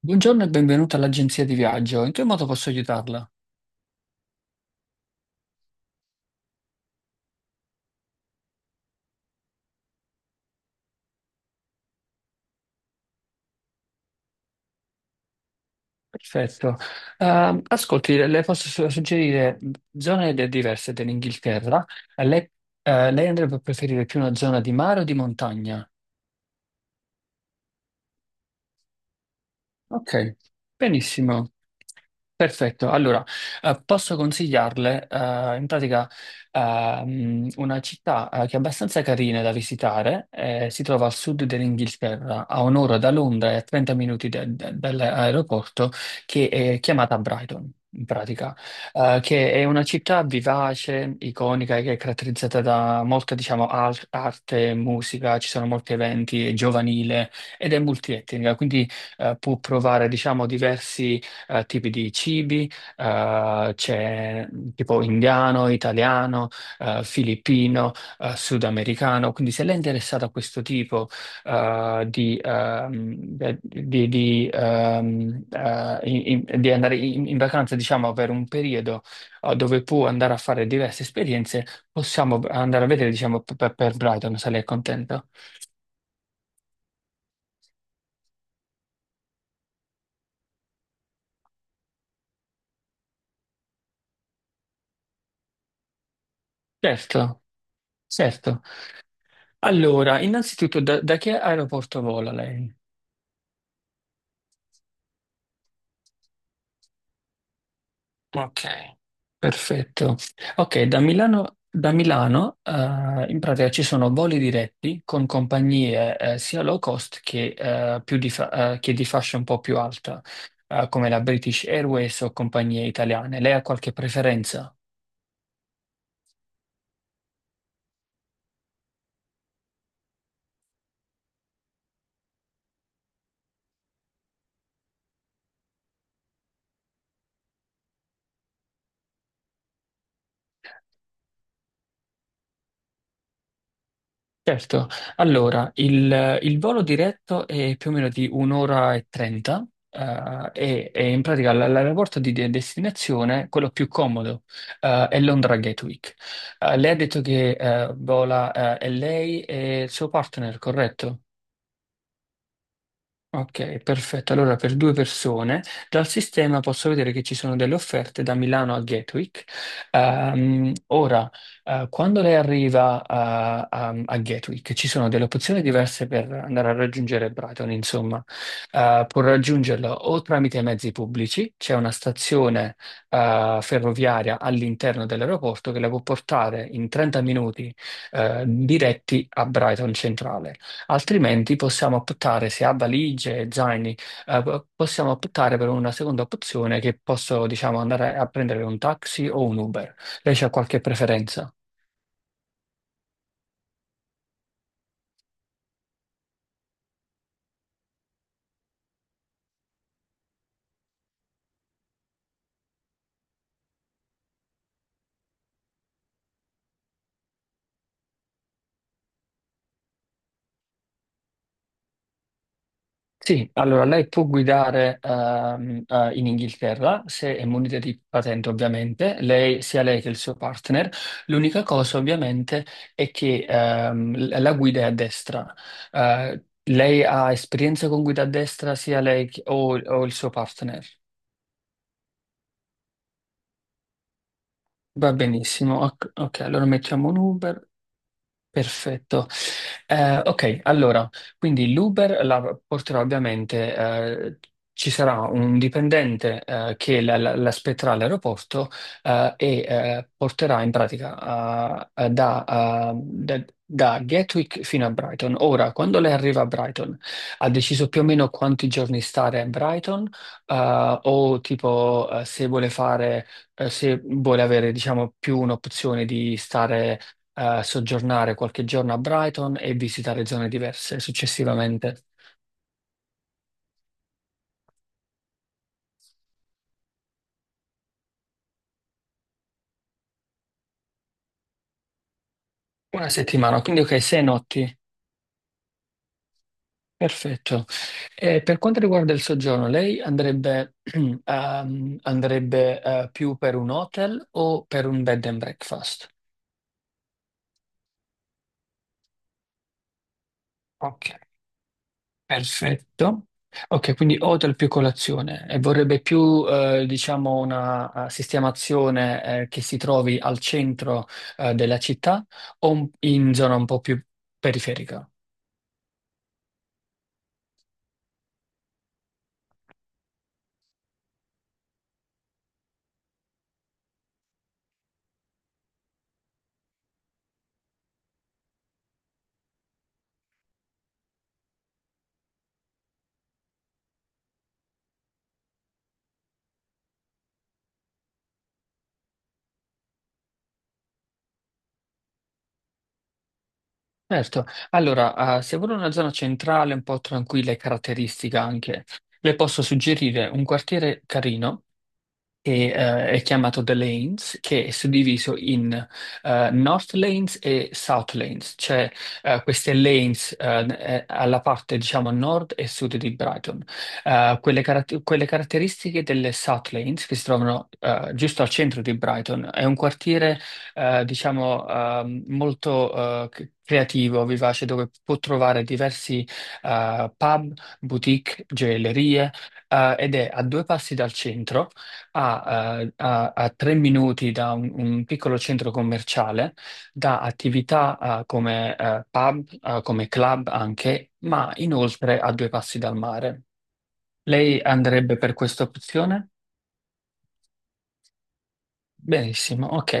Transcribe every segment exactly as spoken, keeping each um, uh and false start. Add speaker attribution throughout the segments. Speaker 1: Buongiorno e benvenuta all'agenzia di viaggio. In che modo posso aiutarla? Perfetto. Ehm, ascolti, le posso su- suggerire zone de- diverse dell'Inghilterra. Eh, Lei, eh, lei andrebbe a preferire più una zona di mare o di montagna? Ok, benissimo. Perfetto, allora eh, posso consigliarle eh, in pratica ehm, una città eh, che è abbastanza carina da visitare, eh, si trova al sud dell'Inghilterra, a un'ora da Londra e a trenta minuti da- da- dall'aeroporto, che è chiamata Brighton, in pratica, eh, che è una città vivace, iconica, che è caratterizzata da molta, diciamo, al- arte, musica, ci sono molti eventi, è giovanile ed è multietnica. Quindi eh, può provare, diciamo, diversi eh, tipi di cibi, eh, c'è mm, tipo indiano, italiano, eh, filippino, eh, sudamericano. Quindi se lei è interessata a questo tipo eh, di, ehm, di- di, ehm, eh, in- in- di andare in, in vacanza, diciamo, per un periodo eh, dove può andare a fare diverse esperienze, possiamo andare a vedere, diciamo, per, per Brighton, se lei è contento. Certo, certo. Allora, innanzitutto, da, da che aeroporto vola lei? Ok, perfetto. Ok, da Milano, da Milano eh, in pratica ci sono voli diretti con compagnie eh, sia low cost che, eh, più di fa- eh, che di fascia un po' più alta, eh, come la British Airways o compagnie italiane. Lei ha qualche preferenza? Certo, allora il, il volo diretto è più o meno di un'ora e trenta, eh, e, e in pratica l- l'aeroporto di de- destinazione, quello più comodo, eh, è Londra Gatwick. Eh, lei ha detto che eh, vola, eh, è lei e il suo partner, corretto? Ok, perfetto. Allora, per due persone, dal sistema posso vedere che ci sono delle offerte da Milano a Gatwick. Ehm, ora, eh, quando lei arriva a, a- a Gatwick, ci sono delle opzioni diverse per andare a raggiungere Brighton, insomma. Eh, può raggiungerlo o tramite mezzi pubblici. C'è una stazione eh, ferroviaria all'interno dell'aeroporto che la può portare in trenta minuti, eh, diretti a Brighton Centrale. Altrimenti possiamo optare, se ha valigie e zaini, eh, po- possiamo optare per una seconda opzione, che posso, diciamo, andare a prendere un taxi o un Uber. Lei ha qualche preferenza? Sì, allora lei può guidare, ehm, eh, in Inghilterra, se è munita di patente ovviamente, lei, sia lei che il suo partner. L'unica cosa ovviamente è che ehm, l- la guida è a destra. Eh, lei ha esperienza con guida a destra, sia lei che- o o il suo partner? Va benissimo. Ok, ok, allora mettiamo un Uber. Perfetto. Eh, ok, allora, quindi l'Uber la porterà ovviamente, eh, ci sarà un dipendente eh, che la- la- l'aspetterà all'aeroporto eh, e eh, porterà in pratica, eh, eh, da, eh, da- da Gatwick fino a Brighton. Ora, quando lei arriva a Brighton, ha deciso più o meno quanti giorni stare a Brighton? Eh, o tipo, eh, se vuole fare, eh, se vuole avere, diciamo, più un'opzione di stare, eh, soggiornare qualche giorno a Brighton e visitare zone diverse successivamente. Una settimana, quindi ok, sei notti. Perfetto. E per quanto riguarda il soggiorno, lei andrebbe, ehm, andrebbe, eh, più per un hotel o per un bed and breakfast? Ok, perfetto. Ok, quindi hotel più colazione, e vorrebbe più, eh, diciamo, una, eh, sistemazione, eh, che si trovi al centro, eh, della città, o un- in zona un po' più periferica? Certo, allora, ah, se vuole una zona centrale un po' tranquilla e caratteristica anche, le posso suggerire un quartiere carino e, eh, è chiamato The Lanes, che è suddiviso in eh, North Lanes e South Lanes, cioè eh, queste lanes, eh, eh, alla parte, diciamo, nord e sud di Brighton. Eh, quelle, caratter- quelle caratteristiche delle South Lanes che si trovano eh, giusto al centro di Brighton, è un quartiere eh, diciamo, ehm, molto eh, c- creativo, vivace, dove può trovare diversi eh, pub, boutique, gioiellerie, eh, ed è a due passi dal centro, a, eh, a- a tre minuti da un, un piccolo centro commerciale, da attività eh, come eh, pub, eh, come club anche, ma inoltre a due passi dal mare. Lei andrebbe per questa opzione? Benissimo, ok.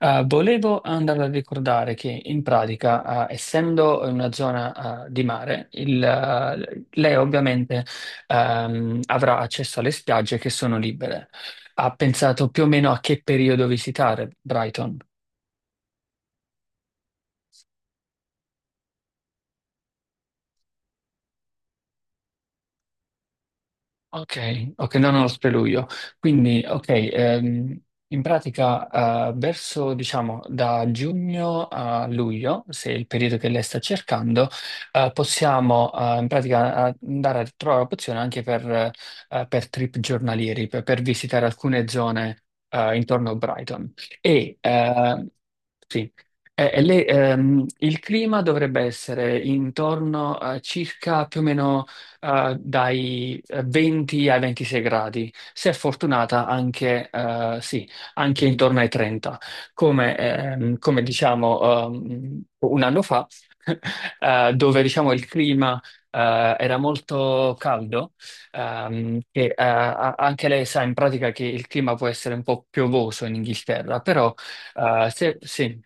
Speaker 1: Eh, volevo andare a ricordare che in pratica, eh, essendo in una zona, eh, di mare, il, eh, lei ovviamente, ehm, avrà accesso alle spiagge che sono libere. Ha pensato più o meno a che periodo visitare Brighton? Ok, ok, no, no, lo preludio. Quindi, ok, ehm, in pratica, eh, verso, diciamo, da giugno a luglio, se è il periodo che lei sta cercando, eh, possiamo, eh, in pratica, eh, andare a trovare opzione anche per, eh, per trip giornalieri, per, per visitare alcune zone eh, intorno a Brighton. E, eh, sì, e- e lei, ehm, il clima dovrebbe essere intorno a circa più o meno eh, dai eh, venti ai ventisei gradi, se è fortunata anche, eh, sì, anche intorno ai trenta. Come, ehm, come diciamo, ehm, un anno fa, eh, dove, diciamo, il clima eh, era molto caldo, ehm, e eh, a- anche lei sa in pratica che il clima può essere un po' piovoso in Inghilterra. Però eh, se, sì,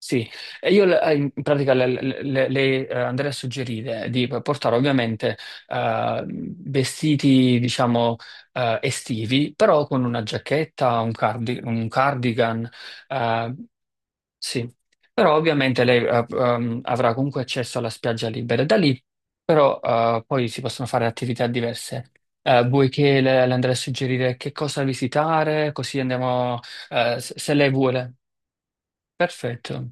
Speaker 1: sì, e io, eh, in pratica, le, le- le- le, eh, andrei a suggerire di portare ovviamente eh, vestiti, diciamo, eh, estivi, però con una giacchetta, un, cardi- un cardigan, eh, sì. Però ovviamente lei, eh, ehm, avrà comunque accesso alla spiaggia libera. Da lì però eh, poi si possono fare attività diverse. Eh, vuoi che le, le andrei a suggerire che cosa visitare, così andiamo, eh, se se lei vuole. Perfetto.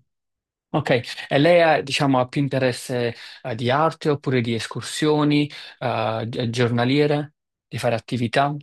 Speaker 1: Ok, e lei ha, diciamo, ha più interesse eh, di arte oppure di escursioni, eh, gi- giornaliere, di fare attività?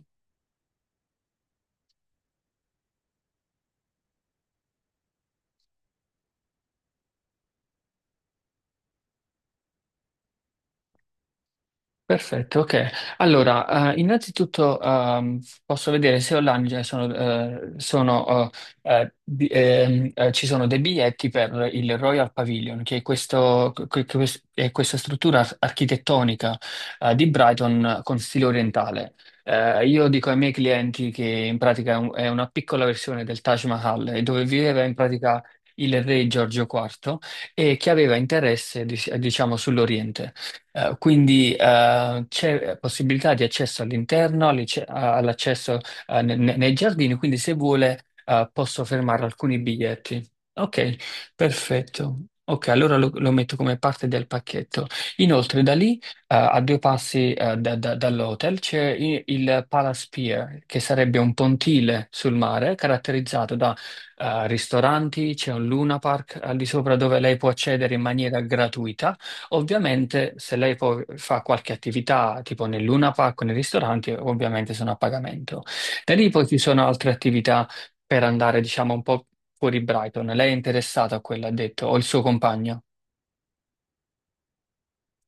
Speaker 1: Perfetto, ok. Allora, eh, innanzitutto ehm, posso vedere se online già sono, eh, sono, eh, eh, bi- ehm, eh, ci sono dei biglietti per il Royal Pavilion, che è, questo- que- que- è questa struttura ar- architettonica eh, di Brighton con stile orientale. Eh, io dico ai miei clienti che in pratica è un- è una piccola versione del Taj Mahal, eh, dove viveva in pratica il re Giorgio quarto, e che aveva interesse, dic- diciamo, sull'Oriente. Eh, quindi eh, c'è possibilità di accesso all'interno, all'ice- a- all'accesso eh, ne- ne- nei giardini, quindi se vuole eh, posso fermare alcuni biglietti. Ok, perfetto. Ok, allora lo, lo metto come parte del pacchetto. Inoltre, da lì, eh, a due passi eh, da- da- dall'hotel, c'è i- il Palace Pier, che sarebbe un pontile sul mare caratterizzato da eh, ristoranti. C'è un Luna Park al di sopra, dove lei può accedere in maniera gratuita. Ovviamente, se lei poi fa qualche attività, tipo nel Luna Park o nei ristoranti, ovviamente sono a pagamento. Da lì poi ci sono altre attività per andare, diciamo, un po' fuori Brighton. Lei è interessata a quella, ha detto, o il suo compagno?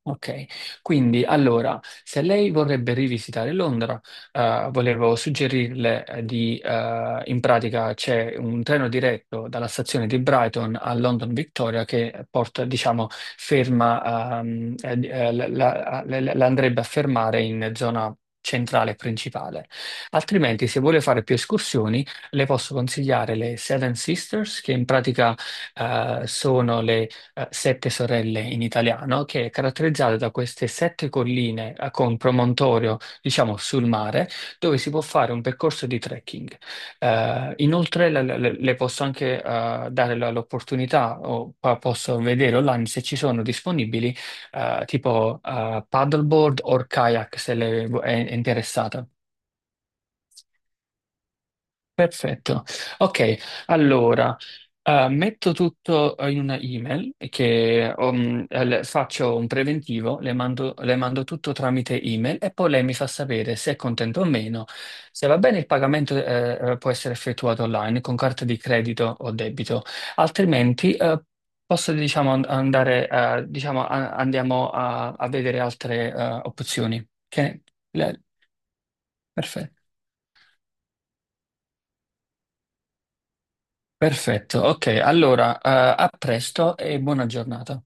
Speaker 1: Ok, quindi allora, se lei vorrebbe rivisitare Londra, eh, volevo suggerirle, eh, di, eh, in pratica c'è un treno diretto dalla stazione di Brighton a London Victoria che porta, diciamo, ferma, ehm, eh, di- eh, la, la- la- la andrebbe a fermare in zona centrale principale. Altrimenti, se vuole fare più escursioni, le posso consigliare le Seven Sisters, che in pratica, eh, sono, eh, Sette Sorelle in italiano, che è caratterizzata da queste sette colline eh, con promontorio, diciamo, sul mare, dove si può fare un percorso di trekking. Eh, inoltre, le, le- le posso anche eh, dare la- l'opportunità, o pa- posso vedere online se ci sono disponibili eh, tipo eh, paddleboard o kayak, se le- è è interessata. Perfetto. Ok, allora, eh, metto tutto, eh, in una email, che um, eh, le- faccio un preventivo, le mando, le mando tutto tramite email e poi lei mi fa sapere se è contento o meno. Se va bene il pagamento, eh, eh, può essere effettuato online con carta di credito o debito, altrimenti eh, posso, diciamo, and- andare, eh, diciamo, a- andiamo a, a vedere altre eh, opzioni. Ok? Le- Perfetto. Perfetto, ok, allora, eh, a presto e buona giornata.